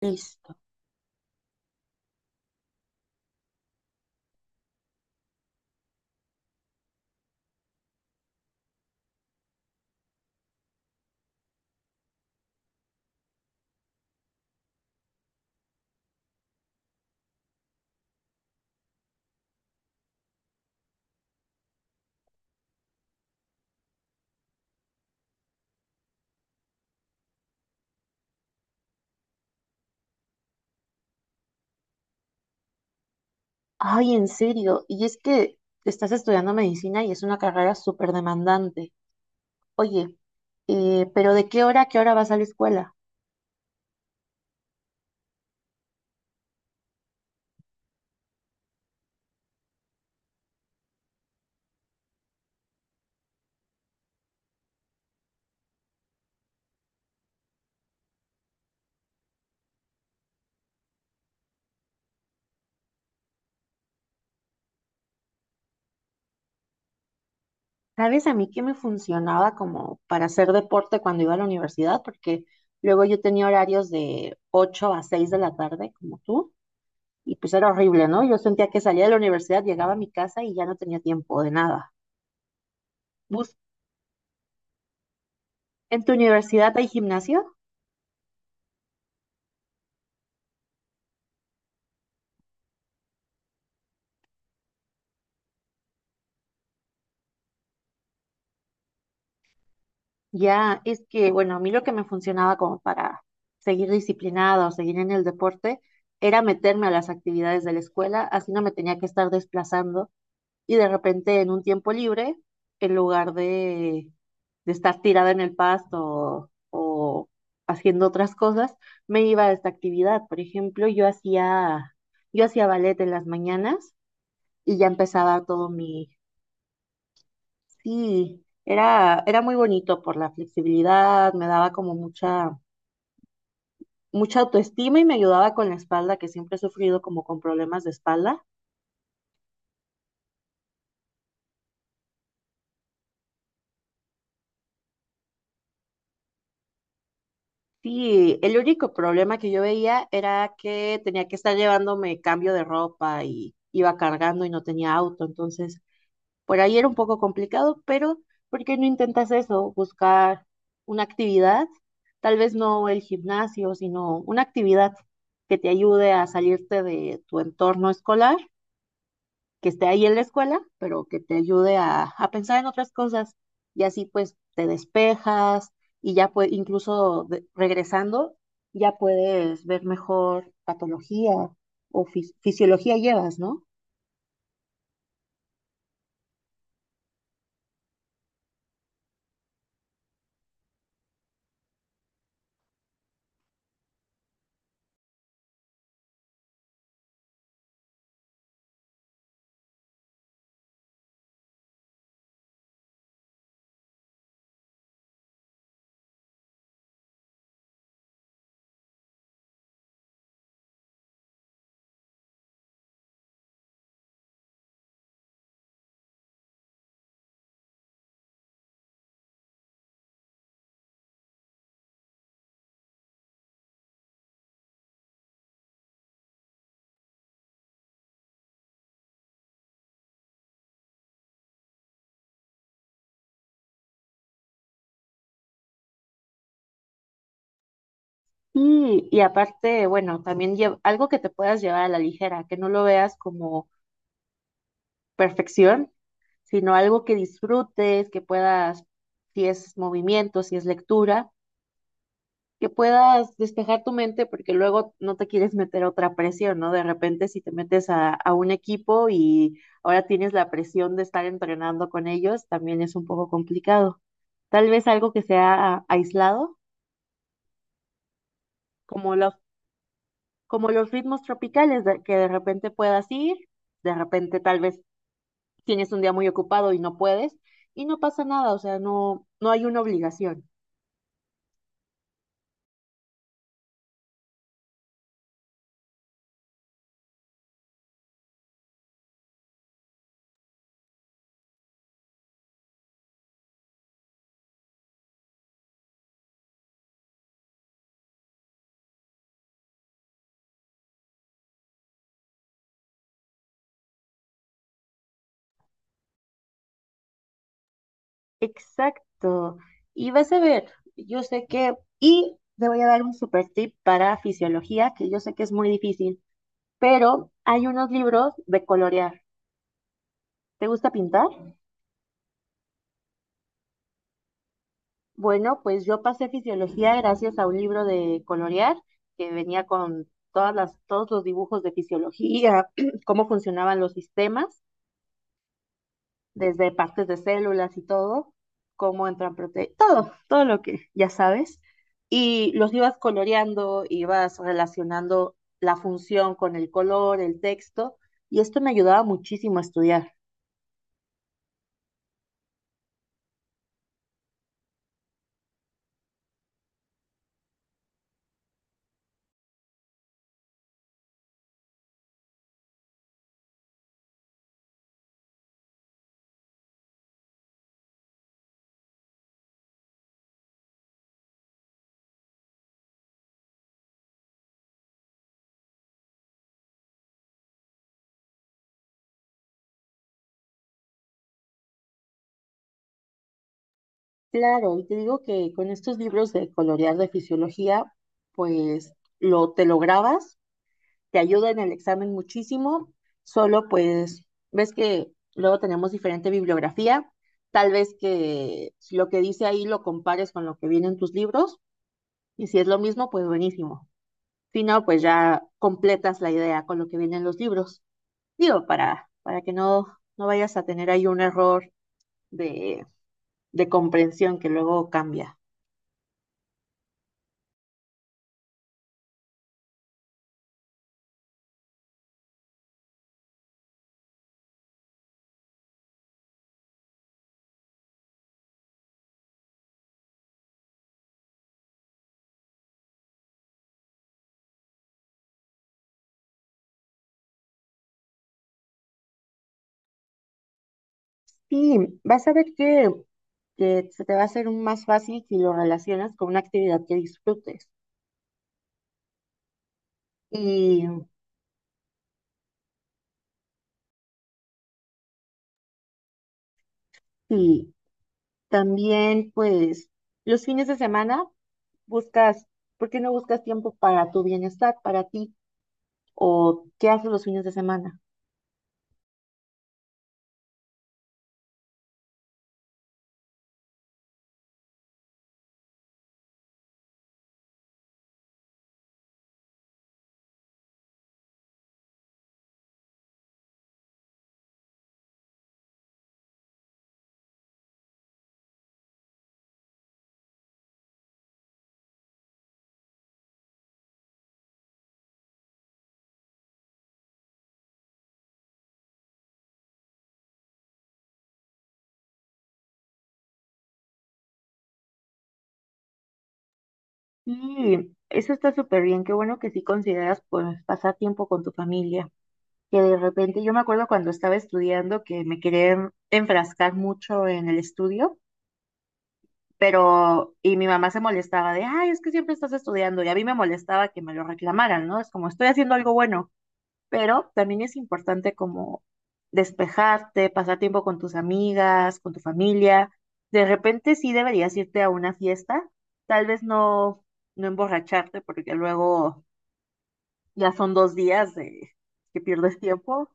Listo. Ay, en serio. Y es que estás estudiando medicina y es una carrera súper demandante. Oye, pero ¿de qué hora a qué hora vas a la escuela? ¿Sabes a mí qué me funcionaba como para hacer deporte cuando iba a la universidad? Porque luego yo tenía horarios de 8 a 6 de la tarde, como tú, y pues era horrible, ¿no? Yo sentía que salía de la universidad, llegaba a mi casa y ya no tenía tiempo de nada. Bus- ¿En tu universidad hay gimnasio? Ya, es que, bueno, a mí lo que me funcionaba como para seguir disciplinada o seguir en el deporte era meterme a las actividades de la escuela, así no me tenía que estar desplazando y de repente en un tiempo libre, en lugar de estar tirada en el pasto o haciendo otras cosas, me iba a esta actividad. Por ejemplo, yo hacía ballet en las mañanas y ya empezaba todo mi. Sí, era muy bonito por la flexibilidad, me daba como mucha autoestima y me ayudaba con la espalda, que siempre he sufrido como con problemas de espalda. Sí, el único problema que yo veía era que tenía que estar llevándome cambio de ropa y iba cargando y no tenía auto, entonces por ahí era un poco complicado, pero ¿por qué no intentas eso? Buscar una actividad, tal vez no el gimnasio, sino una actividad que te ayude a salirte de tu entorno escolar que esté ahí en la escuela, pero que te ayude a pensar en otras cosas y así pues te despejas y ya pues incluso regresando ya puedes ver mejor patología o fisiología llevas, ¿no? Y aparte, bueno, también algo que te puedas llevar a la ligera, que no lo veas como perfección, sino algo que disfrutes, que puedas, si es movimiento, si es lectura, que puedas despejar tu mente porque luego no te quieres meter a otra presión, ¿no? De repente si te metes a un equipo y ahora tienes la presión de estar entrenando con ellos, también es un poco complicado. Tal vez algo que sea aislado, como los, como los ritmos tropicales, que de repente puedas ir, de repente tal vez tienes un día muy ocupado y no puedes, y no pasa nada, o sea, no hay una obligación. Exacto. Y vas a ver, y te voy a dar un super tip para fisiología, que yo sé que es muy difícil, pero hay unos libros de colorear. ¿Te gusta pintar? Bueno, pues yo pasé fisiología gracias a un libro de colorear que venía con todos los dibujos de fisiología, cómo funcionaban los sistemas desde partes de células y todo, cómo entran proteínas, todo lo que ya sabes. Y los ibas coloreando, ibas relacionando la función con el color, el texto, y esto me ayudaba muchísimo a estudiar. Claro, y te digo que con estos libros de colorear de fisiología, pues lo te lo grabas te ayuda en el examen muchísimo, solo pues ves que luego tenemos diferente bibliografía, tal vez que lo que dice ahí lo compares con lo que viene en tus libros y si es lo mismo, pues buenísimo. Si no, pues ya completas la idea con lo que viene en los libros. Digo, para que no vayas a tener ahí un error de, de comprensión que luego cambia. Y vas a ver que se te va a hacer más fácil si lo relacionas con una actividad que disfrutes. Y sí, también pues los fines de semana buscas, ¿por qué no buscas tiempo para tu bienestar, para ti? ¿O qué haces los fines de semana? Sí, eso está súper bien, qué bueno que sí consideras pues pasar tiempo con tu familia. Que de repente, yo me acuerdo cuando estaba estudiando que me quería enfrascar mucho en el estudio, pero y mi mamá se molestaba de, ay, es que siempre estás estudiando, y a mí me molestaba que me lo reclamaran, ¿no? Es como, estoy haciendo algo bueno. Pero también es importante como despejarte, pasar tiempo con tus amigas, con tu familia. De repente sí deberías irte a una fiesta, tal vez no, no emborracharte porque luego ya son dos días de que pierdes tiempo.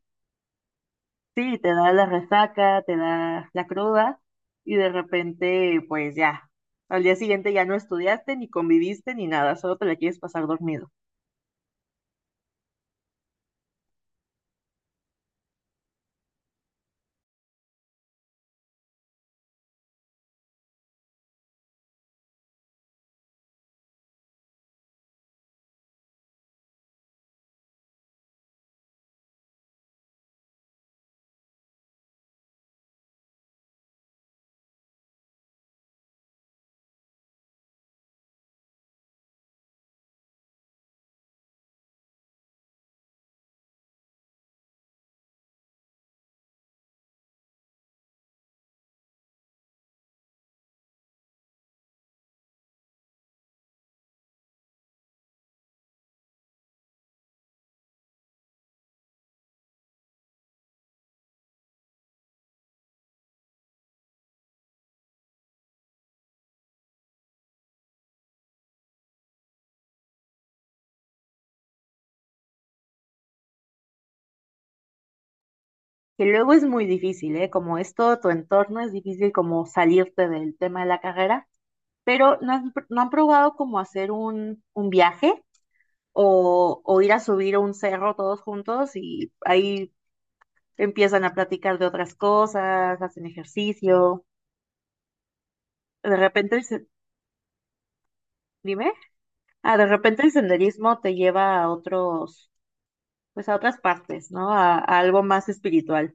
Sí, te da la resaca, te da la cruda y de repente pues ya, al día siguiente ya no estudiaste ni conviviste ni nada, solo te la quieres pasar dormido. Que luego es muy difícil, ¿eh? Como es todo tu entorno, es difícil como salirte del tema de la carrera, pero no han probado como hacer un viaje o ir a subir un cerro todos juntos y ahí empiezan a platicar de otras cosas, hacen ejercicio. De repente, el dime, ah, de repente el senderismo te lleva a otros, pues a otras partes, ¿no? A algo más espiritual.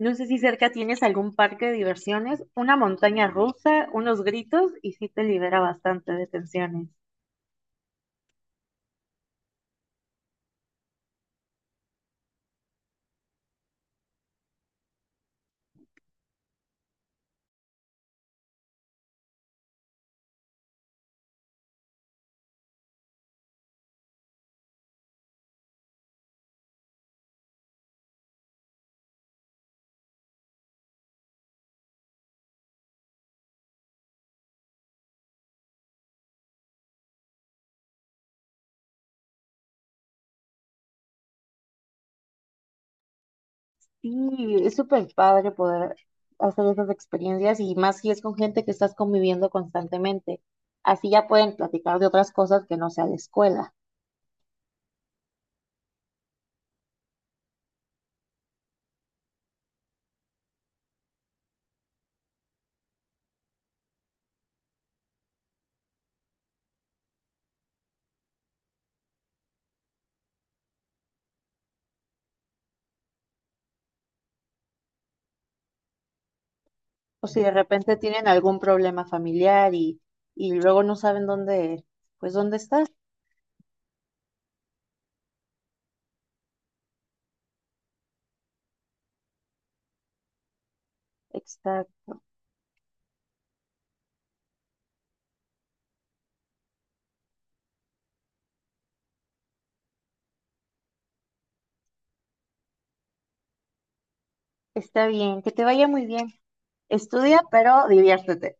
No sé si cerca tienes algún parque de diversiones, una montaña rusa, unos gritos y sí te libera bastante de tensiones. Sí, es súper padre poder hacer esas experiencias y más si es con gente que estás conviviendo constantemente. Así ya pueden platicar de otras cosas que no sea la escuela. O si de repente tienen algún problema familiar y luego no saben dónde, pues dónde estás. Exacto. Está bien, que te vaya muy bien. Estudia, pero diviértete.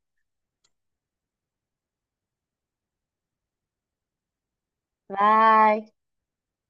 Bye.